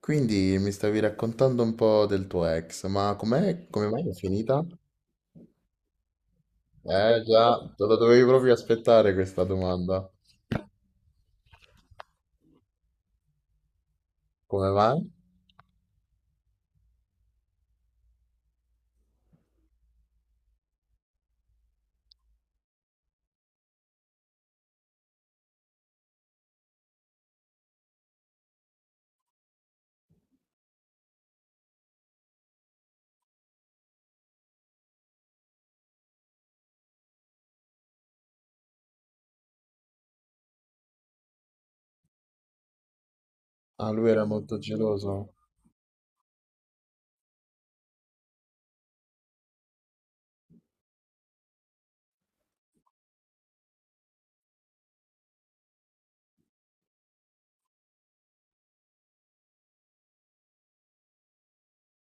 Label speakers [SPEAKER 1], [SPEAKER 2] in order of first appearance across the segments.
[SPEAKER 1] Quindi mi stavi raccontando un po' del tuo ex, ma com'è, come mai è finita? Eh già, te la dovevi proprio aspettare questa domanda. Come mai? Ah, lui era molto geloso.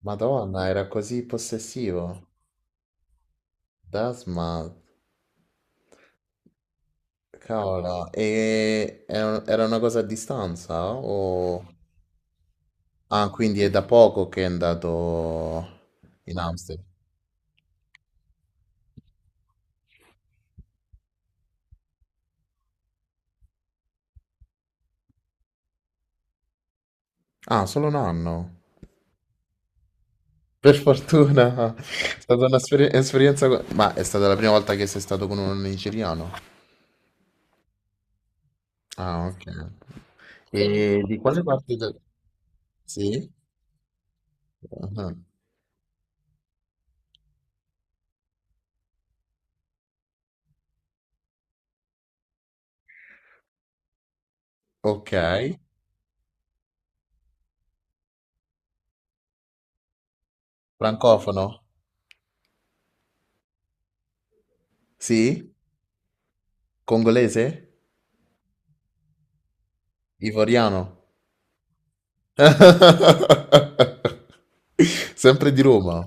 [SPEAKER 1] Madonna, era così possessivo. Dasma, cavolo. E era una cosa a distanza? O... Ah, quindi è da poco che è andato in Amsterdam. Ah, solo un anno. Per fortuna, è stata un'esperienza... Ma è stata la prima volta che sei stato con un nigeriano? Ah, ok. E di quale parte del... Sì? Ah, ok. Francofono? Sì? Congolese? Ivoriano? Sempre di Roma?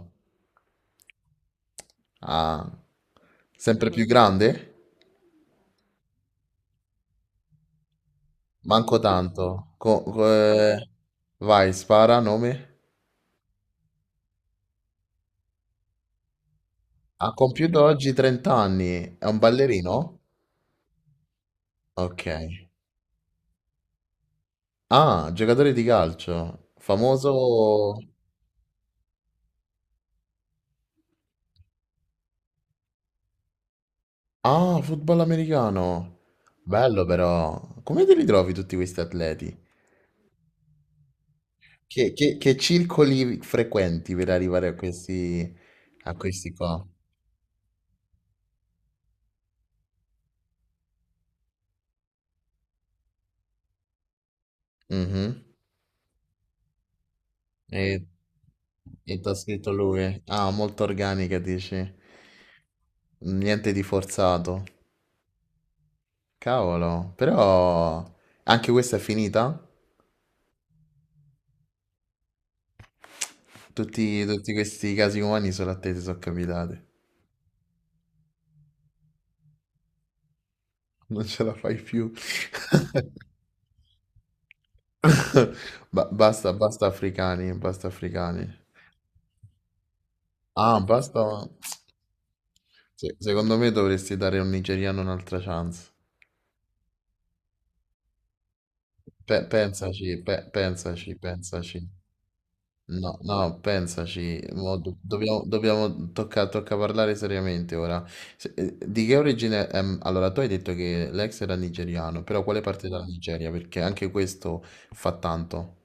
[SPEAKER 1] Ah, sempre più grande? Manco tanto. Vai, spara, nome? Ha compiuto oggi 30 anni. È un ballerino? Ok. Ah, giocatore di calcio. Famoso... Ah, football americano. Bello però. Come te li trovi tutti questi atleti? Che circoli frequenti per arrivare a questi qua? Mhm. E, e t'ha scritto lui? Ah, molto organica, dici. Niente di forzato. Cavolo, però anche questa è finita? Tutti, tutti questi casi umani solo a te ti sono capitati. Non ce la fai più. Basta, basta africani, basta africani. Ah, basta. Secondo me dovresti dare a un nigeriano un'altra chance. Pensaci, pensaci. No, no, pensaci, mo do- dobbiamo, dobbiamo- tocca, tocca parlare seriamente ora. Di che origine è? Allora, tu hai detto che l'ex era nigeriano, però quale parte della Nigeria? Perché anche questo fa tanto.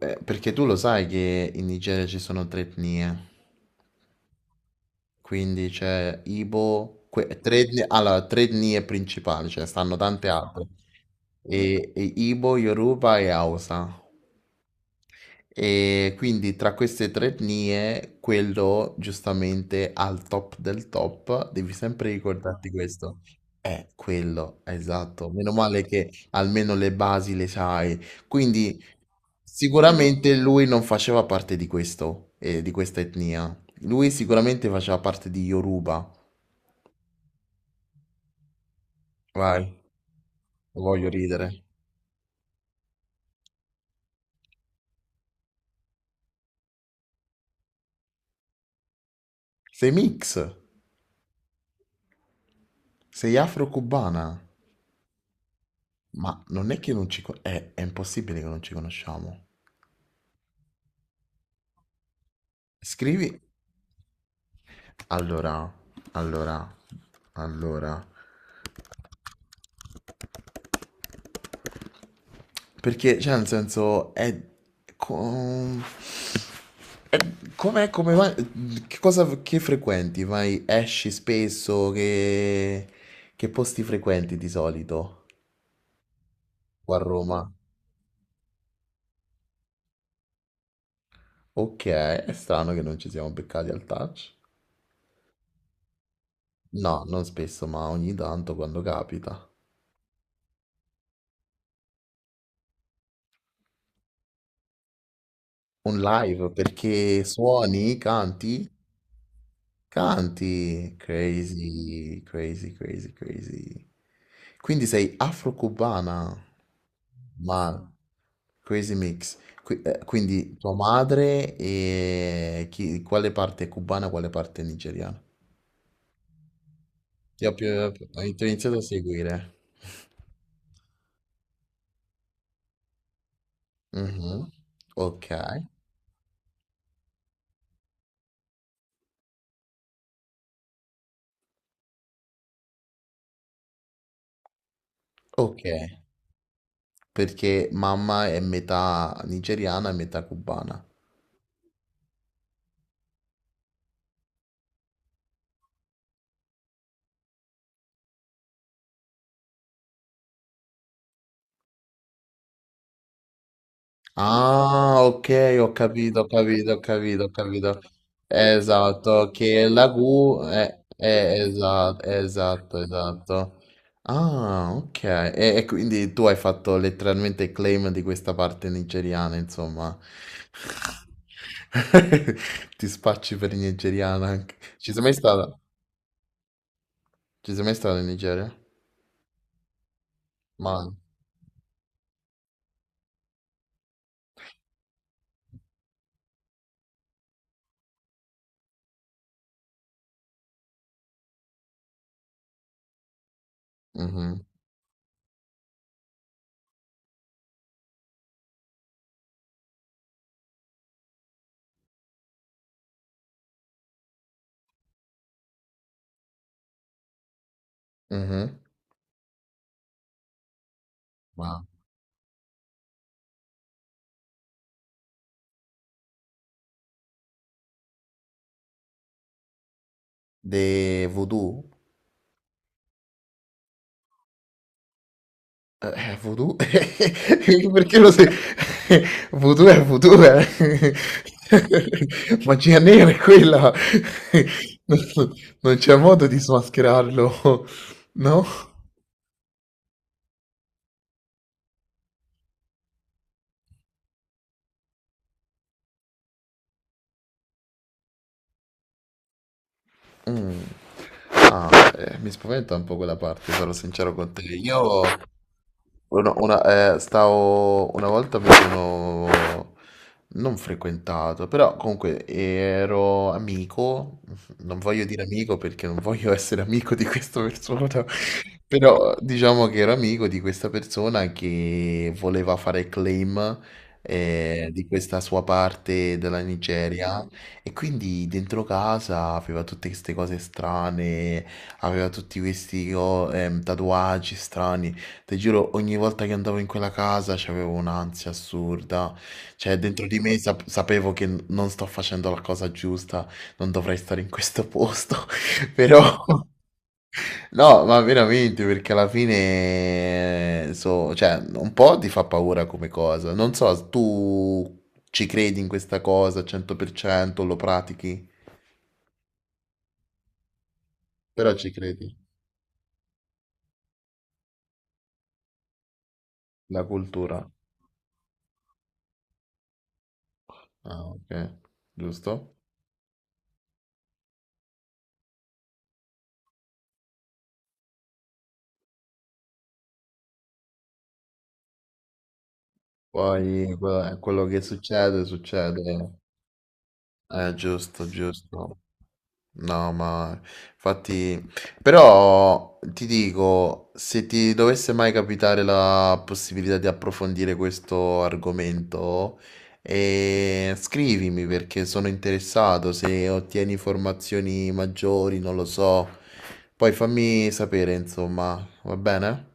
[SPEAKER 1] Perché tu lo sai che in Nigeria ci sono tre etnie, quindi c'è Ibo, tre etnie, allora, tre etnie principali, ce ne stanno tante altre. E Ibo, Yoruba e Hausa. E quindi tra queste tre etnie, quello giustamente al top del top, devi sempre ricordarti questo. È quello, esatto. Meno male che almeno le basi le sai. Quindi sicuramente lui non faceva parte di questo, di questa etnia. Lui sicuramente faceva parte di Yoruba. Vai, voglio ridere. Sei mix, sei afro-cubana. Ma non è che non ci... è impossibile che non ci conosciamo. Scrivi allora, allora, allora, perché cioè nel senso è, com- è com'è, come vai, che cosa che frequenti? Vai, esci spesso, che posti frequenti di solito qua a Roma? Ok, è strano che non ci siamo beccati al touch. No, non spesso, ma ogni tanto quando capita. Un live perché suoni, canti? Canti, crazy, crazy, crazy, crazy. Quindi sei afro-cubana, ma crazy mix. Quindi tua madre e quale parte è cubana, quale parte è nigeriana? Ti ho più- hai iniziato a seguire. Mhm. Ok, ok. Perché mamma è metà nigeriana e metà cubana. Ah, ok, ho capito, ho capito, ho capito, ho capito. Esatto, che la Q è, esatto, esatto, esatto. Ah, ok. E quindi tu hai fatto letteralmente il claim di questa parte nigeriana, insomma. Ti spacci per nigeriana anche. Ci sei mai stata? Ci sei mai stata in Nigeria? Ma. Mhm, mhm. Ma. De voodoo? Voodoo? Perché lo sai? Voodoo è voodoo, eh. Magia nera è quella. Non non c'è modo di smascherarlo, no? Mh. Ah, mi spaventa un po' quella parte, sarò sincero con te. Io una stavo una volta mi sono non frequentato, però comunque ero amico, non voglio dire amico perché non voglio essere amico di questa persona, però diciamo che ero amico di questa persona che voleva fare claim, di questa sua parte della Nigeria e quindi dentro casa aveva tutte queste cose strane, aveva tutti questi tatuaggi strani. Ti giuro, ogni volta che andavo in quella casa c'avevo un'ansia assurda. Cioè, dentro di me sapevo che non sto facendo la cosa giusta, non dovrei stare in questo posto. Però, no, ma veramente, perché alla fine, so, cioè, un po' ti fa paura come cosa. Non so, tu ci credi in questa cosa al 100%, lo pratichi? Però ci credi. La cultura. Ah, ok, giusto. Poi quello che succede, succede, giusto, giusto, no, ma infatti, però ti dico, se ti dovesse mai capitare la possibilità di approfondire questo argomento, scrivimi perché sono interessato, se ottieni informazioni maggiori, non lo so, poi fammi sapere, insomma, va bene?